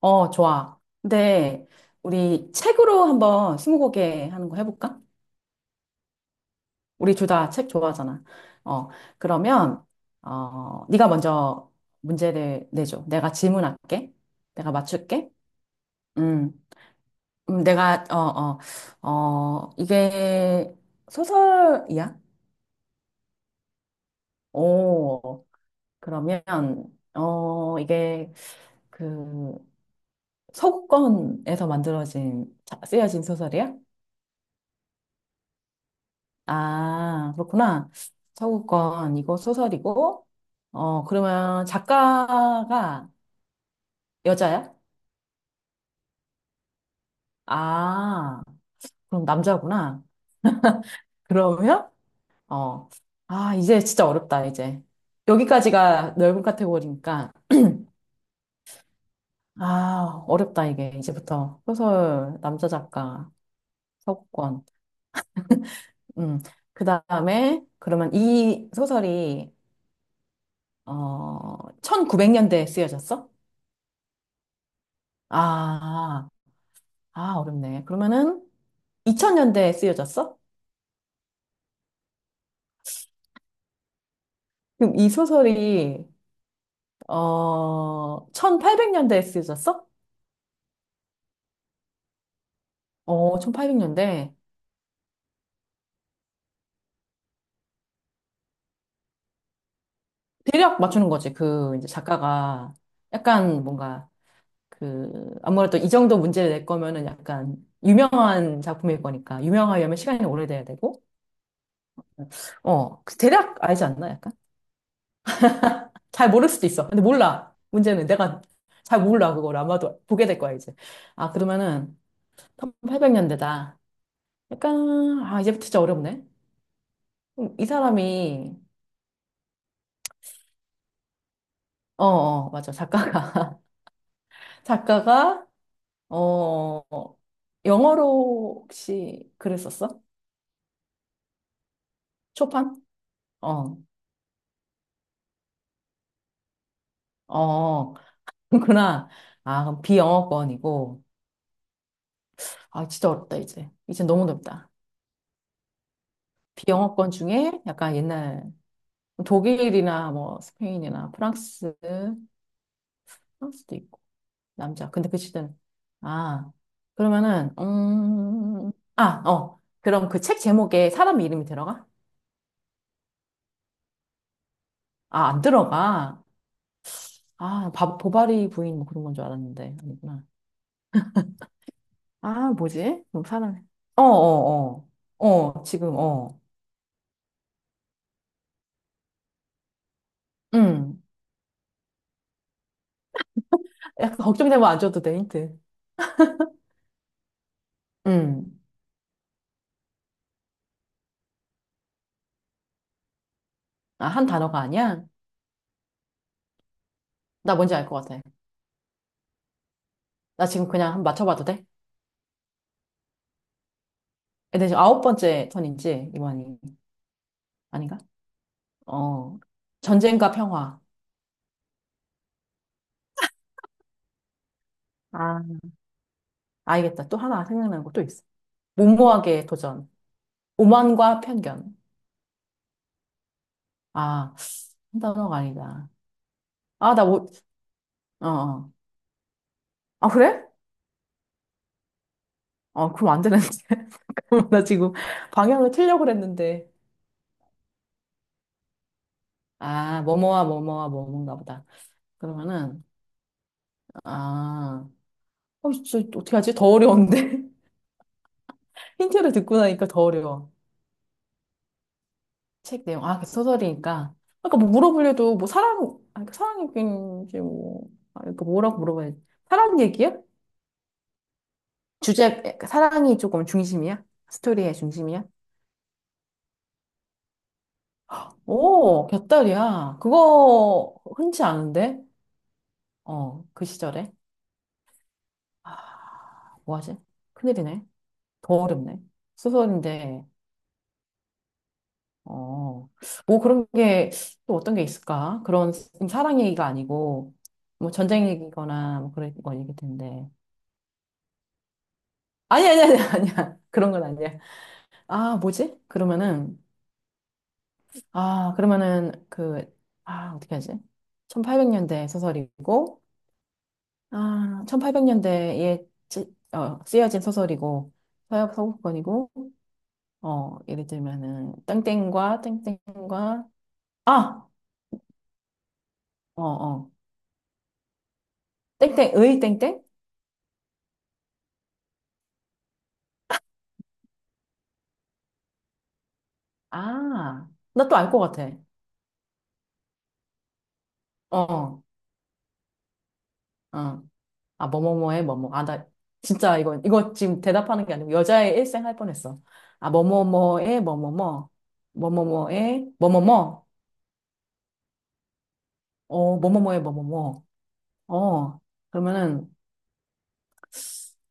어, 좋아. 근데 우리 책으로 한번 스무고개 하는 거 해볼까? 우리 둘 다 책 좋아하잖아. 어, 그러면 네가 먼저 문제를 내줘. 내가 질문할게. 내가 맞출게. 음, 내가 이게 소설이야? 오, 그러면 이게 그 서구권에서 만들어진 쓰여진 소설이야? 아, 그렇구나. 서구권, 이거 소설이고, 그러면 작가가 여자야? 아, 그럼 남자구나. 그러면, 어, 이제 진짜 어렵다, 이제. 여기까지가 넓은 카테고리니까, 아, 어렵다, 이게. 이제부터. 소설, 남자 작가, 서구권. 음, 그 다음에, 그러면 이 소설이, 1900년대에 쓰여졌어? 아, 아, 어렵네. 그러면은, 2000년대에 쓰여졌어? 그럼 이 소설이, 1800년대에 쓰여졌어? 어, 1800년대. 대략 맞추는 거지. 그, 이제 작가가 약간 뭔가, 그, 아무래도 이 정도 문제를 낼 거면은 약간 유명한 작품일 거니까. 유명하려면 시간이 오래돼야 되고. 그 대략 알지 않나? 약간? 잘 모를 수도 있어. 근데 몰라. 문제는 내가 잘 몰라. 그걸 아마도 보게 될 거야, 이제. 아, 그러면은 1800년대다. 약간, 아, 이제부터 진짜 어렵네. 이 사람이, 맞아. 작가가, 작가가, 어, 영어로 혹시 글을 썼어? 초판? 어, 어, 그렇구나. 아, 그럼 비영어권이고. 아, 진짜 어렵다, 이제. 이제 너무 어렵다. 비영어권 중에 약간 옛날 독일이나 뭐 스페인이나 프랑스, 프랑스도 있고, 남자. 근데 그 시대는, 아, 그러면은, 그럼 그 책 제목에 사람 이름이 들어가? 아, 안 들어가. 아, 보바리 부인 뭐 그런 건 줄 알았는데. 아니구나. 아, 뭐지? 뭐 사람. 어, 어, 어. 어, 지금, 어. 음. 약간 걱정되면 안 줘도 돼, 힌트. 음. 아, 한 단어가 아니야? 나 뭔지 알 것 같아. 나 지금 그냥 한번 맞춰봐도 돼? 근데 지금 아홉 번째 턴인지, 이거 아닌가? 어. 전쟁과 평화. 아, 알겠다. 또 하나 생각나는 거 또 있어. 무모하게 도전. 오만과 편견. 아, 한 단어가 아니다. 아, 나 못, 어, 어. 아, 그래? 아, 그럼 안 되는데. 그럼 나 지금 방향을 틀려고 그랬는데. 아, 뭐뭐와 뭐뭐와 뭐뭔가 보다. 그러면은, 아, 진짜 어떻게 하지? 더 어려운데? 힌트를 듣고 나니까 더 어려워. 책 내용. 아, 그 소설이니까. 아까 뭐 물어보려도 뭐 사랑, 아, 그 사랑 얘기인지 뭐, 아, 그러니까 뭐라고 물어봐야지. 사랑 얘기야? 주제, 사랑이 조금 중심이야? 스토리의 중심이야? 오, 곁다리야. 그거 흔치 않은데? 어, 그 시절에. 아, 뭐하지? 큰일이네. 더 어렵네. 소설인데, 어, 뭐 그런 게 또 어떤 게 있을까? 그런 사랑 얘기가 아니고, 뭐 전쟁 얘기거나 뭐 그런 건 얘기일 텐데. 아니, 아니, 아니, 아니야. 그런 건 아니야. 아, 뭐지? 그러면은, 아, 그러면은 그, 아, 어떻게 하지? 1800년대 소설이고, 아, 1800년대에 쓰여진 소설이고, 서역 서구권이고, 어, 예를 들면은, 땡땡과, 땡땡과, 아! 어, 어. 땡땡의 땡땡? 아, 나 또 알 것 같아. 어, 어. 어. 아, 뭐뭐뭐의 뭐뭐. 아, 나 진짜 이거 지금 대답하는 게 아니고 여자의 일생 할 뻔했어. 아, 뭐뭐뭐의 뭐뭐뭐. 뭐뭐뭐의 뭐뭐뭐. 어, 뭐뭐뭐의 뭐뭐뭐. 어, 그러면은,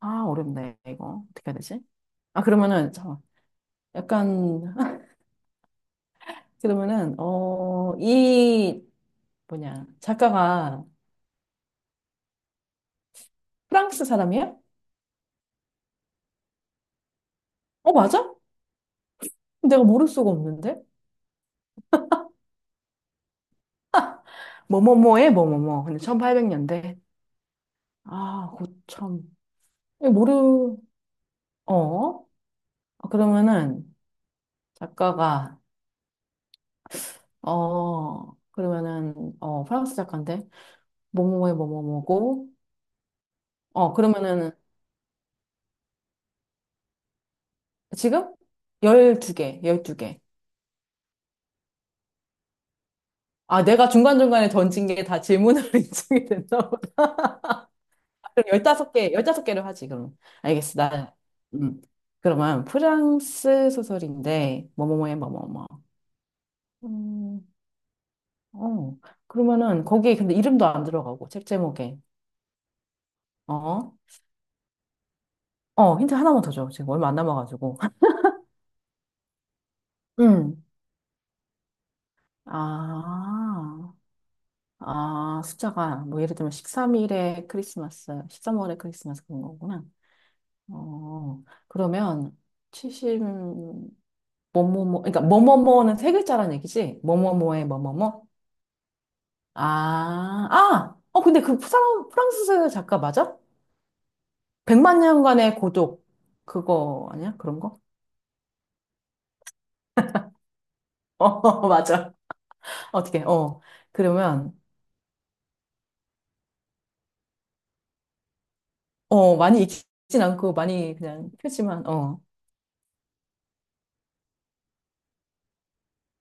어렵네, 이거. 어떻게 해야 되지? 아, 그러면은, 잠깐만. 약간, 그러면은, 어, 이, 뭐냐, 작가가 프랑스 사람이야? 어, 맞아? 내가 모를 수가 없는데? 뭐뭐뭐에 뭐뭐뭐. 근데 1800년대. 아, 고참. 이거 모르, 어? 아, 그러면은, 작가가, 프랑스 작가인데, 뭐뭐뭐에 뭐뭐뭐고, 그러면은, 지금? 12개. 아, 내가 중간중간에 던진 게 다 질문으로 인증이 됐나. 그럼 15개를 하지, 그럼. 알겠어. 나, 음. 그러면 프랑스 소설인데, 뭐뭐뭐에 뭐뭐뭐. 음, 어. 그러면은, 거기에 근데 이름도 안 들어가고, 책 제목에. 어? 어, 힌트 하나만 더 줘. 지금 얼마 안 남아가지고. 음. 아, 아, 숫자가, 뭐, 예를 들면 13일에 크리스마스, 십삼월에 크리스마스 그런 거구나. 어, 그러면 70, 뭐뭐뭐, 그러니까 뭐뭐뭐는 세 글자란 얘기지? 뭐뭐뭐의 뭐뭐뭐? 아! 어, 근데 그 프랑스 작가 맞아? 백만 년간의 고독. 그거 아니야? 그런 거? 어, 맞아. 어떻게, 어. 그러면, 어, 많이 익진 않고 많이 그냥 표지만, 어.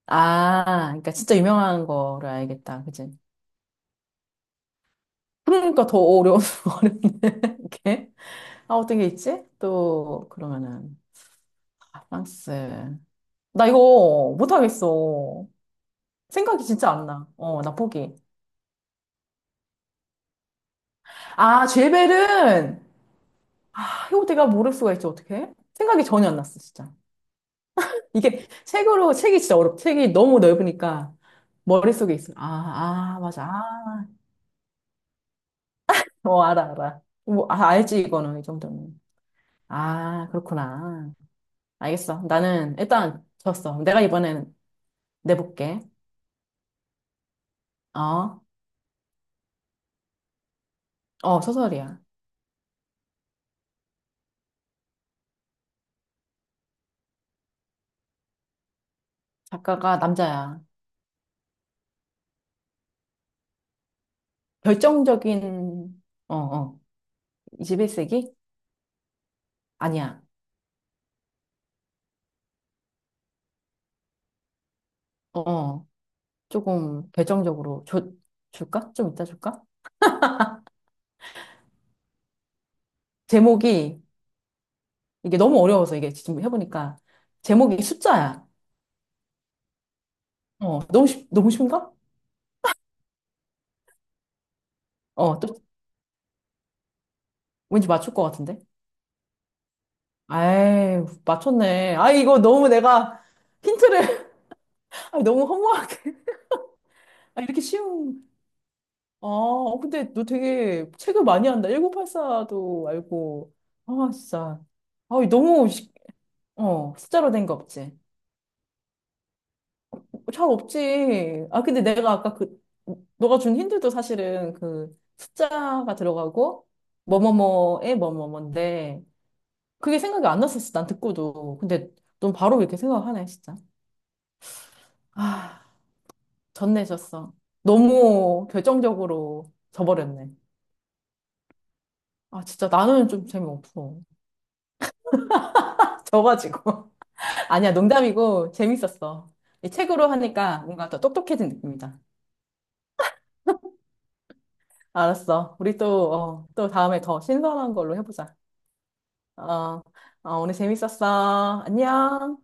아, 그러니까 진짜 유명한 거를 알겠다. 그치? 그러니까 더 어려운, 어렵네. 이렇게. 아, 어떤 게 있지? 또, 그러면은, 아, 프랑스. 나 이거 못하겠어. 생각이 진짜 안 나. 어, 나 포기. 아, 죄벨은, 아, 이거 내가 모를 수가 있지, 어떡해? 생각이 전혀 안 났어, 진짜. 이게 책으로, 책이 너무 넓으니까 머릿속에 있어. 아, 아, 맞아. 아, 어, 알아. 뭐, 아, 알지, 이거는, 이 정도면. 아, 그렇구나. 알겠어. 나는 일단 졌어. 내가 이번엔 내볼게. 어, 어, 소설이야. 작가가 남자야. 결정적인, 어, 어, 21세기? 아니야. 어. 어. 조금 결정적으로 줘, 줄까? 좀 이따 줄까? 제목이 이게 너무 어려워서 이게 지금 해보니까 제목이 숫자야. 어, 너무 쉬운가? 어, 또 왠지 맞출 것 같은데? 아이, 맞췄네. 아, 이거 너무 내가 힌트를 아, 너무 허무하게. 아, 이렇게 쉬운. 아, 어, 근데 너 되게 책을 많이 한다. 1984도 알고. 아, 진짜. 아, 어, 숫자로 된 거 없지? 어, 잘 없지. 아, 근데 내가 아까 그, 너가 준 힌트도 사실은 그 숫자가 들어가고, 뭐뭐뭐에 뭐뭐뭔데, 그게 생각이 안 났었어, 난 듣고도. 근데 넌 바로 이렇게 생각하네, 진짜. 아, 전내셨어. 너무 결정적으로 져버렸네. 아, 진짜 나는 좀 재미없어. 져가지고. 아니야, 농담이고, 재밌었어. 이 책으로 하니까 뭔가 더 똑똑해진 느낌이다. 알았어. 우리 또, 어, 또 다음에 더 신선한 걸로 해보자. 어, 어, 오늘 재밌었어. 안녕.